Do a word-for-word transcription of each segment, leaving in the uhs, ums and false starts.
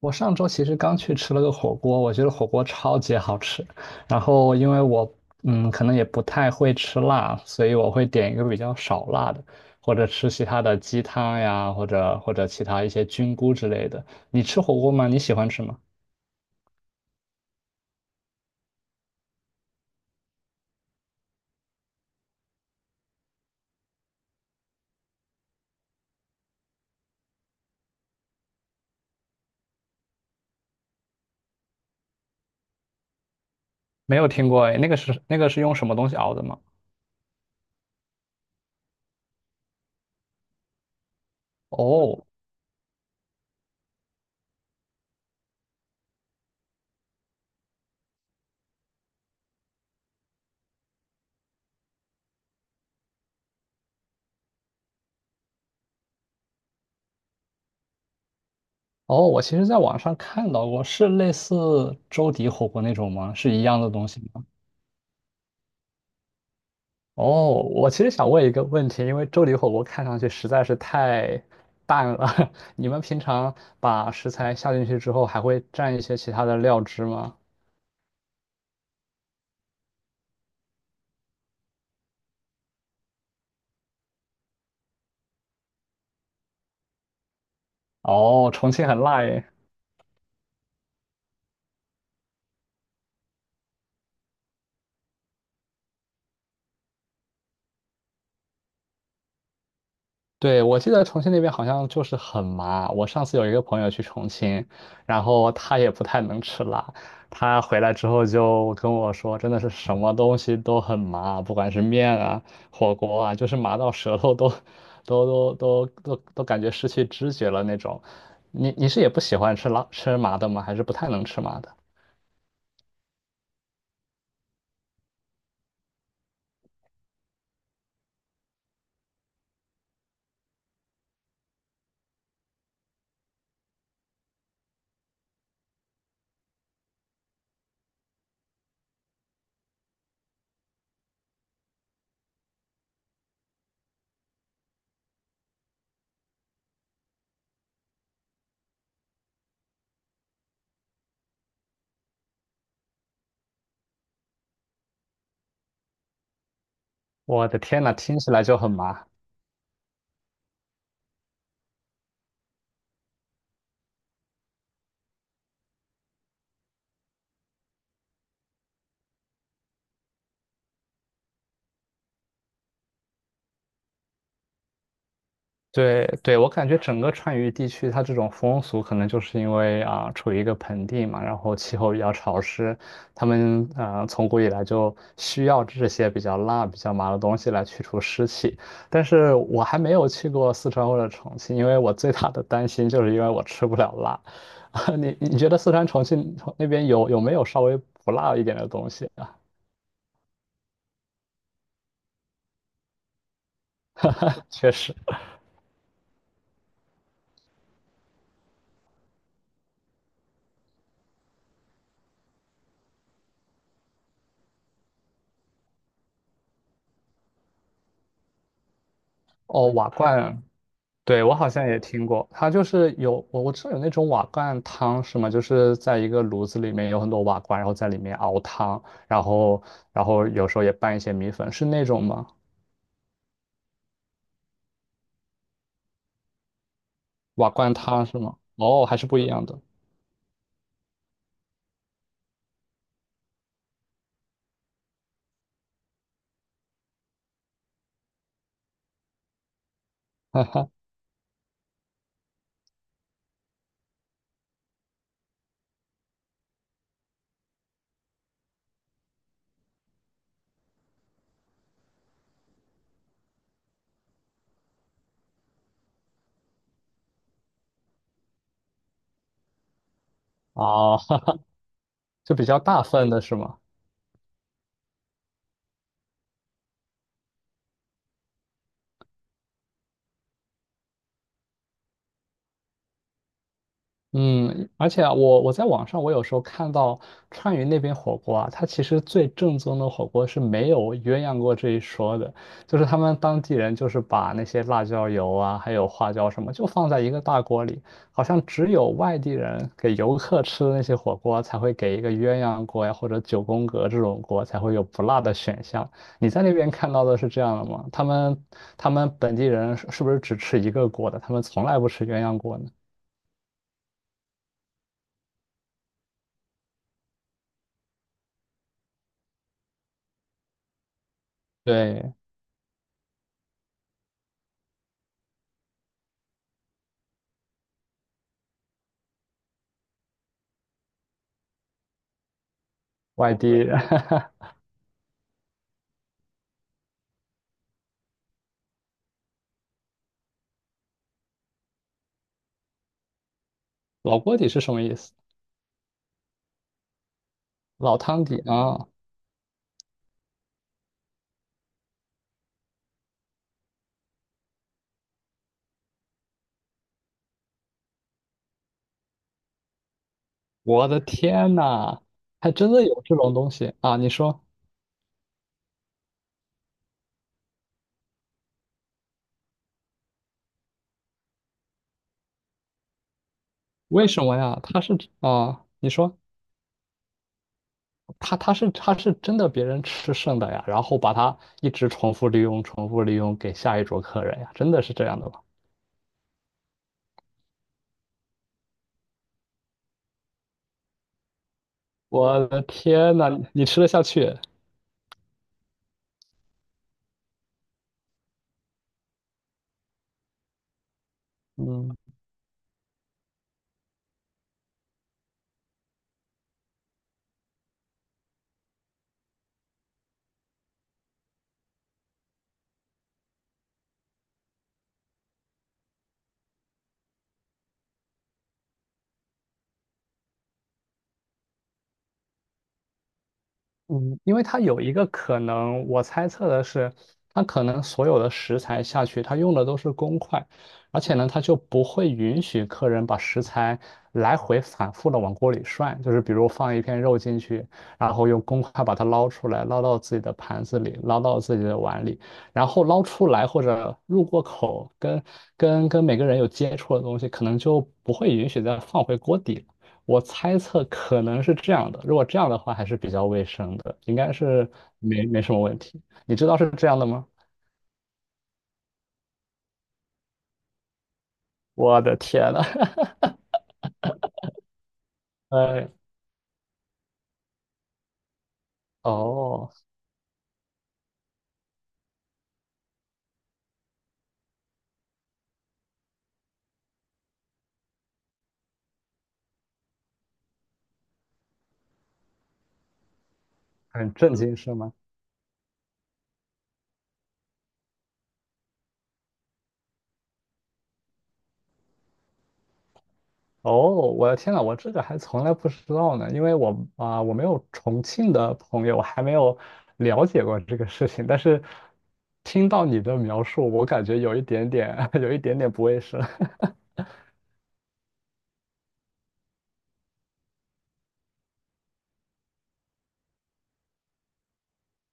我上周其实刚去吃了个火锅，我觉得火锅超级好吃。然后因为我嗯，可能也不太会吃辣，所以我会点一个比较少辣的，或者吃其他的鸡汤呀，或者或者其他一些菌菇之类的。你吃火锅吗？你喜欢吃吗？没有听过诶，那个是那个是用什么东西熬的吗？哦哦，我其实在网上看到过，是类似周底火锅那种吗？是一样的东西吗？哦，我其实想问一个问题，因为粥里火锅看上去实在是太淡了，你们平常把食材下进去之后，还会蘸一些其他的料汁吗？哦，重庆很辣耶。对，我记得重庆那边好像就是很麻。我上次有一个朋友去重庆，然后他也不太能吃辣，他回来之后就跟我说，真的是什么东西都很麻，不管是面啊、火锅啊，就是麻到舌头都、都、都、都、都、都感觉失去知觉了那种。你你是也不喜欢吃辣、吃麻的吗？还是不太能吃麻的？我的天呐，听起来就很麻。对对，我感觉整个川渝地区，它这种风俗可能就是因为啊、处于一个盆地嘛，然后气候比较潮湿，他们呃从古以来就需要这些比较辣、比较麻的东西来去除湿气。但是我还没有去过四川或者重庆，因为我最大的担心就是因为我吃不了辣。啊，你你觉得四川重庆那边有有没有稍微不辣一点的东西啊？确实，哦，瓦罐。对，我好像也听过，它就是有我我知道有那种瓦罐汤是吗？就是在一个炉子里面有很多瓦罐，然后在里面熬汤，然后然后有时候也拌一些米粉，是那种吗？瓦罐汤是吗？哦，还是不一样的哦，就比较大份的是吗？嗯，而且啊我我在网上我有时候看到川渝那边火锅啊，它其实最正宗的火锅是没有鸳鸯锅这一说的，就是他们当地人就是把那些辣椒油啊，还有花椒什么，就放在一个大锅里，好像只有外地人给游客吃的那些火锅才会给一个鸳鸯锅呀，或者九宫格这种锅才会有不辣的选项。你在那边看到的是这样的吗？他们他们本地人是是不是只吃一个锅的？他们从来不吃鸳鸯锅呢？对。外地人，老锅底是什么意思？老汤底啊！我的天呐，还真的有这种东西啊！你说为什么呀？它是啊，你说它它是它是真的别人吃剩的呀，然后把它一直重复利用、重复利用给下一桌客人呀，真的是这样的吗？我的天呐，你吃得下去？嗯，嗯，因为它有一个可能，我猜测的是，它可能所有的食材下去，它用的都是公筷，而且呢，它就不会允许客人把食材来回反复的往锅里涮，就是比如放一片肉进去，然后用公筷把它捞出来，捞到自己的盘子里，捞到自己的碗里，然后捞出来或者入过口，跟跟跟每个人有接触的东西，可能就不会允许再放回锅底，我猜测可能是这样的，如果这样的话还是比较卫生的，应该是没没什么问题。你知道是这样的吗？我的天呐，呃，哦，很震惊是吗？哦，我的天呐，我这个还从来不知道呢，因为我啊、我没有重庆的朋友，我还没有了解过这个事情，但是听到你的描述，我感觉有一点点，有一点点不卫生。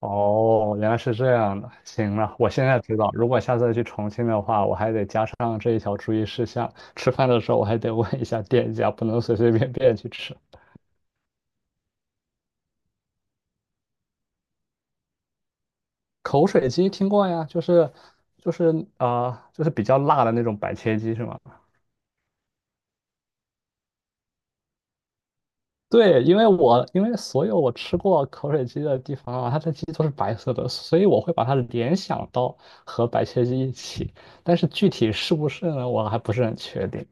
哦，原来是这样的。行了，我现在知道，如果下次去重庆的话，我还得加上这一条注意事项。吃饭的时候，我还得问一下店家，不能随随便便去吃。口水鸡听过呀，就是就是啊、呃就是比较辣的那种白切鸡是吗？对，因为我因为所有我吃过口水鸡的地方啊，它的鸡都是白色的，所以我会把它联想到和白切鸡一起。但是具体是不是呢，我还不是很确定。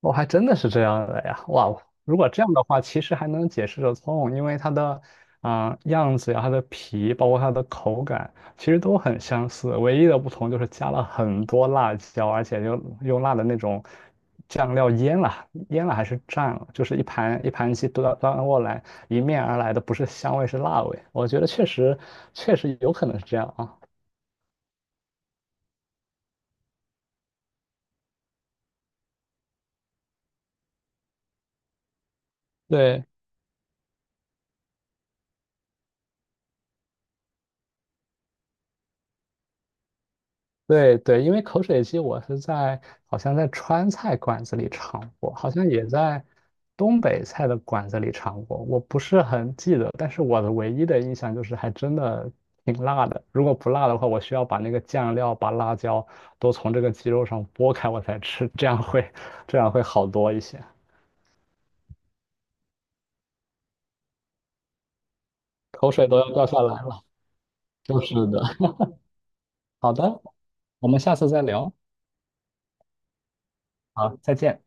我还真的是这样的呀！哇哦，如果这样的话，其实还能解释得通，因为它的啊、样子呀、它的皮，包括它的口感，其实都很相似。唯一的不同就是加了很多辣椒，而且又用辣的那种酱料腌了，腌了还是蘸了，就是一盘一盘鸡端端过来，迎面而来的不是香味，是辣味。我觉得确实确实有可能是这样啊。对。对对，因为口水鸡我是在好像在川菜馆子里尝过，好像也在东北菜的馆子里尝过，我不是很记得，但是我的唯一的印象就是还真的挺辣的。如果不辣的话，我需要把那个酱料、把辣椒都从这个鸡肉上剥开我才吃，这样会这样会好多一些，口水都要掉下来了。就是的，好的，我们下次再聊，好，再见。